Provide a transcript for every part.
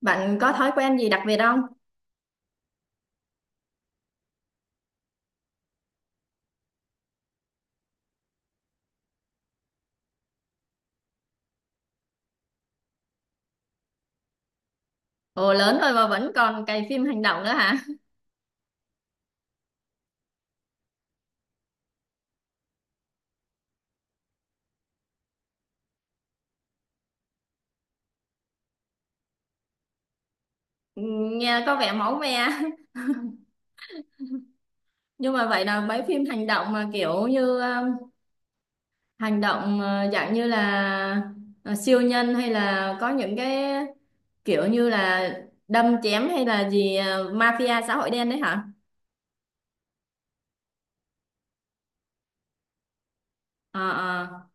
Bạn có thói quen gì đặc biệt không? Ồ, lớn rồi mà vẫn còn cày phim hành động nữa hả? Ừ. Nghe có vẻ máu me. Nhưng mà vậy là mấy phim hành động mà kiểu như hành động, dạng như là siêu nhân, hay là có những cái kiểu như là đâm chém hay là gì, mafia xã hội đen đấy hả? Ờ, ờ.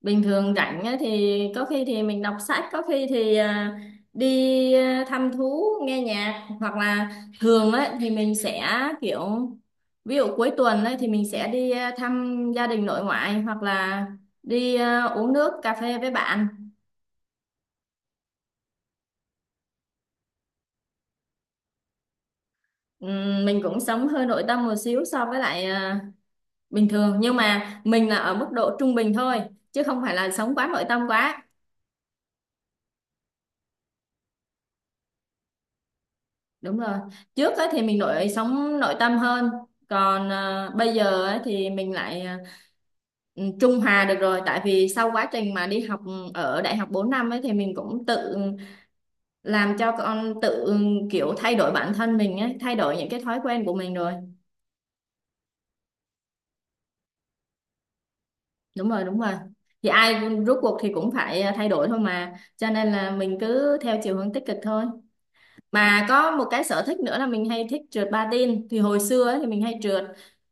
Bình thường rảnh á thì có khi thì mình đọc sách, có khi thì đi, thăm thú, nghe nhạc hoặc là thường ấy thì mình sẽ kiểu ví dụ cuối tuần ấy thì mình sẽ đi, thăm gia đình nội ngoại, hoặc là đi, uống nước cà phê với bạn. Mình cũng sống hơi nội tâm một xíu so với lại, bình thường, nhưng mà mình là ở mức độ trung bình thôi, chứ không phải là sống quá nội tâm quá. Đúng rồi, trước ấy thì mình sống nội tâm hơn, còn bây giờ ấy thì mình lại, trung hòa được rồi, tại vì sau quá trình mà đi học ở đại học 4 năm ấy thì mình cũng tự làm cho con tự, kiểu thay đổi bản thân mình ấy, thay đổi những cái thói quen của mình rồi. Đúng rồi, đúng rồi. Thì ai rốt cuộc thì cũng phải, thay đổi thôi mà, cho nên là mình cứ theo chiều hướng tích cực thôi. Mà có một cái sở thích nữa là mình hay thích trượt patin, thì hồi xưa ấy thì mình hay trượt,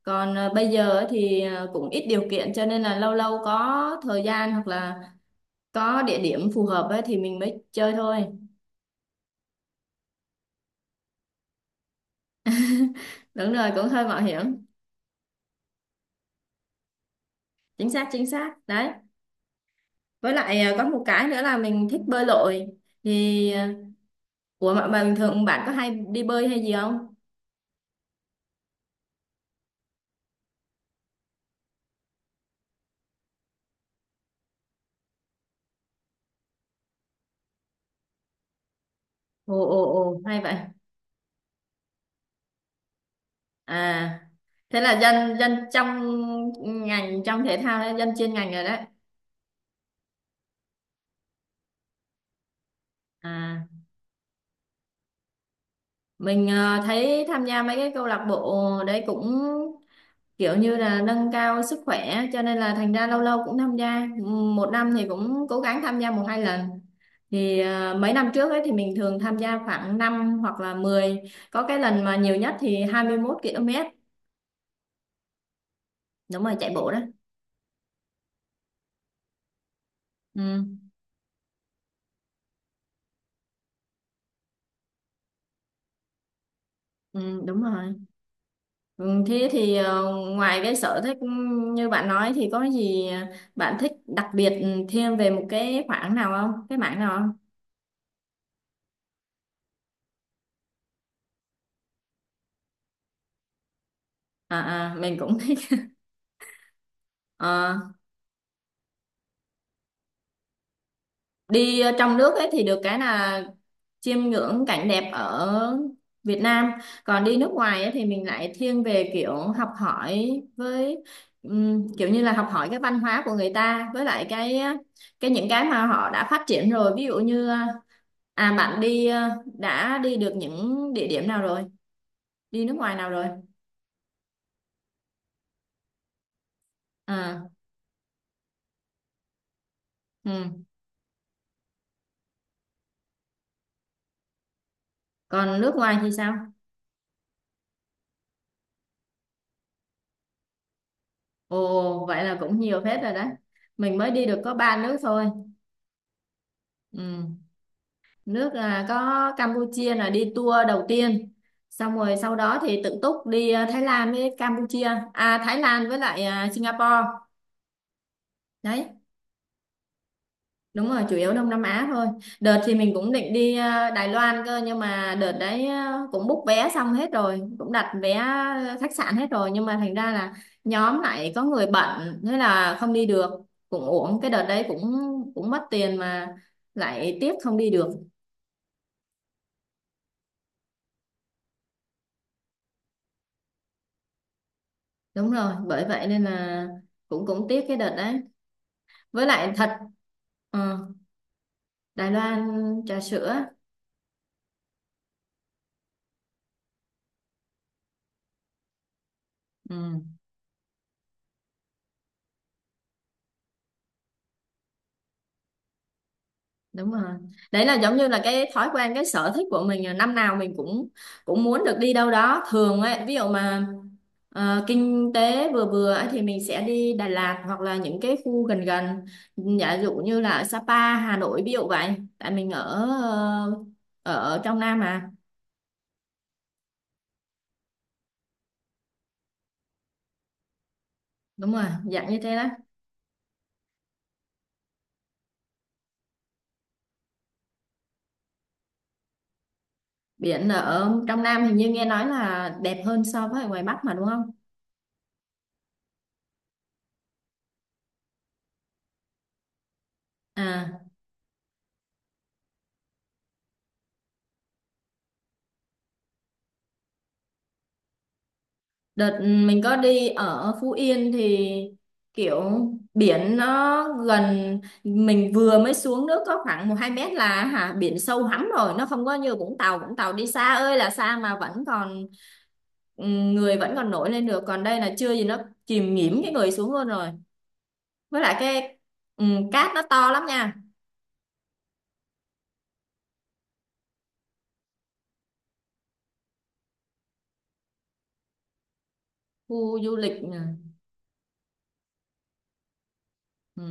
còn bây giờ ấy thì cũng ít điều kiện, cho nên là lâu lâu có thời gian hoặc là có địa điểm phù hợp ấy thì mình mới chơi thôi. Đúng rồi, cũng hơi mạo hiểm. Chính xác, chính xác đấy. Với lại có một cái nữa là mình thích bơi lội, thì ủa mà bình thường bạn có hay đi bơi hay gì không? Ồ, ồ, ồ, hay vậy. à Thế là dân dân trong ngành, trong thể thao đấy, dân chuyên ngành rồi đấy. À. Mình thấy tham gia mấy cái câu lạc bộ đấy cũng kiểu như là nâng cao sức khỏe, cho nên là thành ra lâu lâu cũng tham gia. Một năm thì cũng cố gắng tham gia một hai lần. Thì mấy năm trước ấy thì mình thường tham gia khoảng 5 hoặc là 10. Có cái lần mà nhiều nhất thì 21 km. Đúng rồi, chạy bộ đó. Ừ, ừ, đúng rồi. Ừ, thế thì ngoài cái sở thích như bạn nói thì có gì bạn thích đặc biệt thêm về một cái khoảng nào không? Cái mảng nào? Mình cũng thích. Ờ, đi trong nước ấy thì được cái là chiêm ngưỡng cảnh đẹp ở Việt Nam, còn đi nước ngoài ấy thì mình lại thiên về kiểu học hỏi, với kiểu như là học hỏi cái văn hóa của người ta, với lại cái những cái mà họ đã phát triển rồi, ví dụ như bạn đi, đã đi được những địa điểm nào rồi? Đi nước ngoài nào rồi? À. Ừ. Còn nước ngoài thì sao? Ồ, vậy là cũng nhiều phết rồi đấy. Mình mới đi được có ba nước thôi. Ừ. Nước, có Campuchia là đi tour đầu tiên, xong rồi sau đó thì tự túc đi, Thái Lan với Campuchia. Thái Lan với lại, Singapore. Đấy, đúng rồi, chủ yếu Đông Nam Á thôi. Đợt thì mình cũng định đi, Đài Loan cơ, nhưng mà đợt đấy, cũng book vé xong hết rồi, cũng đặt vé khách sạn hết rồi, nhưng mà thành ra là nhóm lại có người bận, thế là không đi được. Cũng uổng cái đợt đấy, cũng cũng mất tiền mà lại tiếc không đi được. Đúng rồi, bởi vậy nên là cũng cũng tiếc cái đợt đấy. Với lại thật, ờ, Đài Loan trà sữa. Ừ, đúng rồi, đấy là giống như là cái thói quen, cái sở thích của mình là năm nào mình cũng cũng muốn được đi đâu đó thường ấy. Ví dụ mà kinh tế vừa vừa ấy thì mình sẽ đi Đà Lạt, hoặc là những cái khu gần gần, giả dụ như là ở Sapa, Hà Nội ví dụ vậy, tại mình ở, ở trong Nam mà. Đúng rồi, dạng như thế đó. Biển ở trong Nam hình như nghe nói là đẹp hơn so với ở ngoài Bắc mà đúng không? À, đợt, mình có đi ở Phú Yên thì kiểu biển nó gần mình vừa mới xuống nước có khoảng một hai mét là hả, biển sâu hắm rồi, nó không có như Vũng Tàu. Vũng Tàu đi xa ơi là xa mà vẫn còn, người vẫn còn nổi lên được, còn đây là chưa gì nó chìm nghỉm cái người xuống luôn rồi. Với lại cái, cát nó to lắm nha. Khu du lịch nè. Ừ.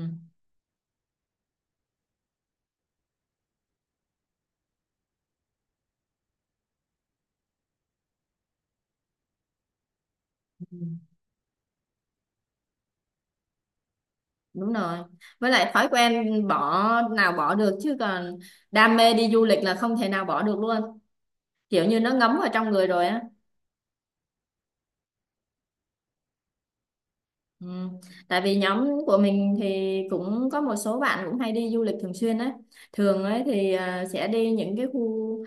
Đúng rồi, với lại thói quen bỏ nào bỏ được, chứ còn đam mê đi du lịch là không thể nào bỏ được luôn, kiểu như nó ngấm vào trong người rồi á. Ừ. Tại vì nhóm của mình thì cũng có một số bạn cũng hay đi du lịch thường xuyên ấy, thường ấy thì sẽ đi những cái khu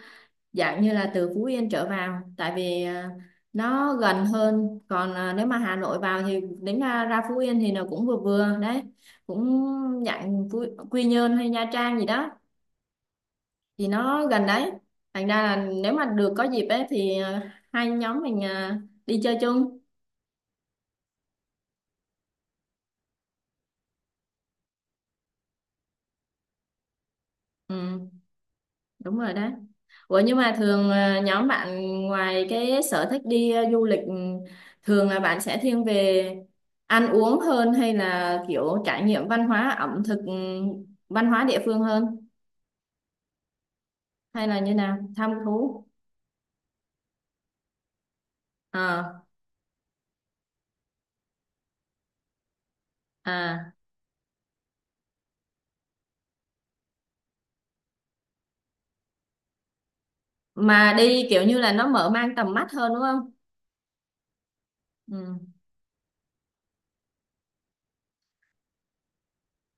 dạng như là từ Phú Yên trở vào, tại vì nó gần hơn, còn nếu mà Hà Nội vào thì đến ra Phú Yên thì nó cũng vừa vừa đấy, cũng dạng Phú, Quy Nhơn hay Nha Trang gì đó thì nó gần đấy, thành ra là nếu mà được có dịp ấy thì hai nhóm mình đi chơi chung. Ừ, đúng rồi đấy. Ủa nhưng mà thường, nhóm bạn ngoài cái sở thích đi, du lịch, thường là bạn sẽ thiên về ăn uống hơn, hay là kiểu trải nghiệm văn hóa ẩm thực, văn hóa địa phương hơn, hay là như nào, thăm thú? à à mà đi kiểu như là nó mở mang tầm mắt hơn đúng không? Ừ.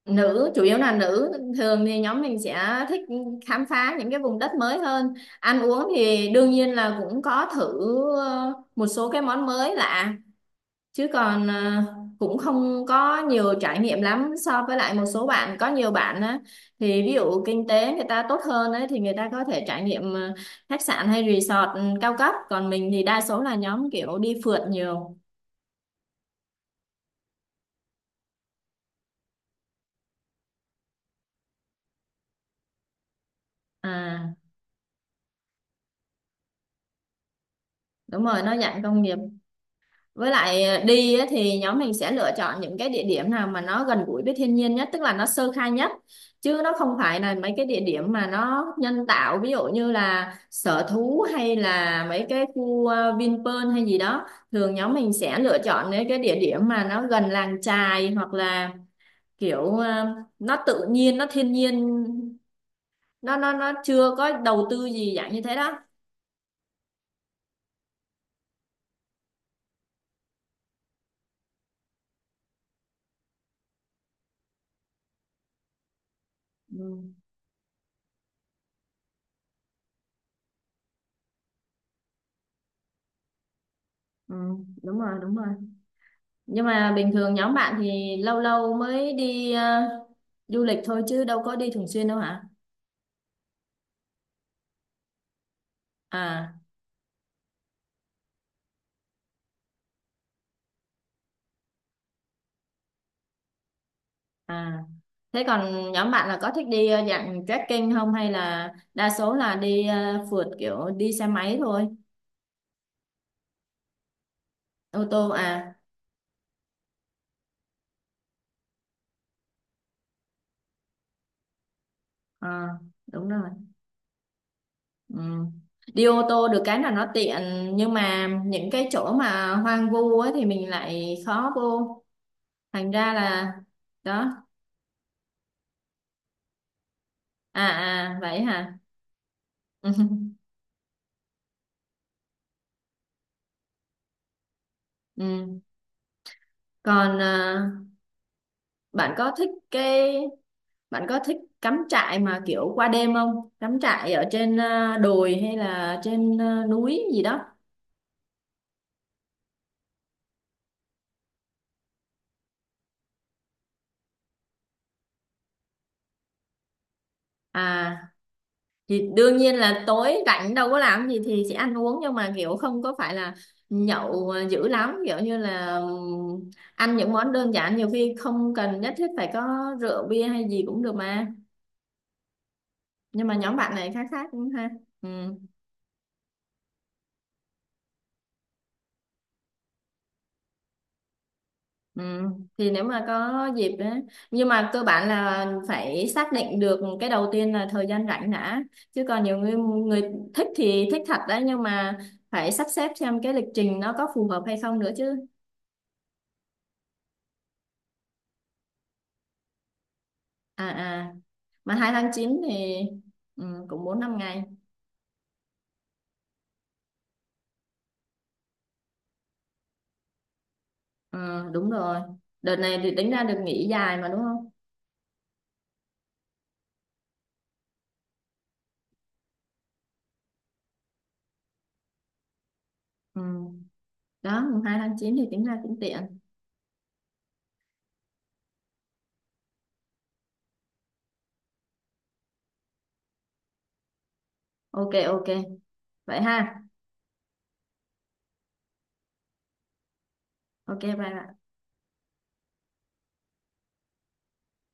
Nữ, chủ yếu là nữ. Thường thì nhóm mình sẽ thích khám phá những cái vùng đất mới hơn. Ăn uống thì đương nhiên là cũng có thử một số cái món mới lạ, chứ còn cũng không có nhiều trải nghiệm lắm so với lại một số bạn. Có nhiều bạn á thì ví dụ kinh tế người ta tốt hơn ấy thì người ta có thể trải nghiệm khách sạn hay resort, cao cấp, còn mình thì đa số là nhóm kiểu đi phượt nhiều. à Đúng rồi, nó dạng công nghiệp. Với lại đi á thì nhóm mình sẽ lựa chọn những cái địa điểm nào mà nó gần gũi với thiên nhiên nhất, tức là nó sơ khai nhất. Chứ nó không phải là mấy cái địa điểm mà nó nhân tạo, ví dụ như là sở thú hay là mấy cái khu, Vinpearl hay gì đó. Thường nhóm mình sẽ lựa chọn những cái địa điểm mà nó gần làng chài, hoặc là kiểu nó tự nhiên, nó thiên nhiên, nó chưa có đầu tư gì dạng như thế đó. Ừ, ừ, đúng rồi, đúng rồi. Nhưng mà bình thường nhóm bạn thì lâu lâu mới đi, du lịch thôi chứ đâu có đi thường xuyên đâu hả? à à Thế còn nhóm bạn là có thích đi, dạng trekking không, hay là đa số là đi phượt kiểu đi xe máy thôi? Ô tô à? À, đúng rồi. Ừ. Đi ô tô được cái là nó tiện, nhưng mà những cái chỗ mà hoang vu ấy thì mình lại khó vô, thành ra là đó. À, à, vậy hả? Ừ. Còn bạn có thích cái bạn có thích cắm trại mà kiểu qua đêm không, cắm trại ở trên đồi hay là trên núi gì đó? à thì đương nhiên là tối rảnh đâu có làm gì thì sẽ ăn uống, nhưng mà kiểu không có phải là nhậu dữ lắm, kiểu như là ăn những món đơn giản, nhiều khi không cần nhất thiết phải có rượu bia hay gì cũng được mà. Nhưng mà nhóm bạn này khá khác cũng ha. Ừ. Ừ, thì nếu mà có dịp đấy, nhưng mà cơ bản là phải xác định được cái đầu tiên là thời gian rảnh đã, chứ còn nhiều người, người thích thì thích thật đấy, nhưng mà phải sắp xếp xem cái lịch trình nó có phù hợp hay không nữa chứ. à à mà 2/9 thì, cũng 4 5 ngày. Ừ, đúng rồi. Đợt này thì tính ra được nghỉ dài mà đúng không? Ừ. Đó mùng 2 tháng 9 thì tính ra cũng tiện. Ok, ok, vậy ha. Ok, bye bye.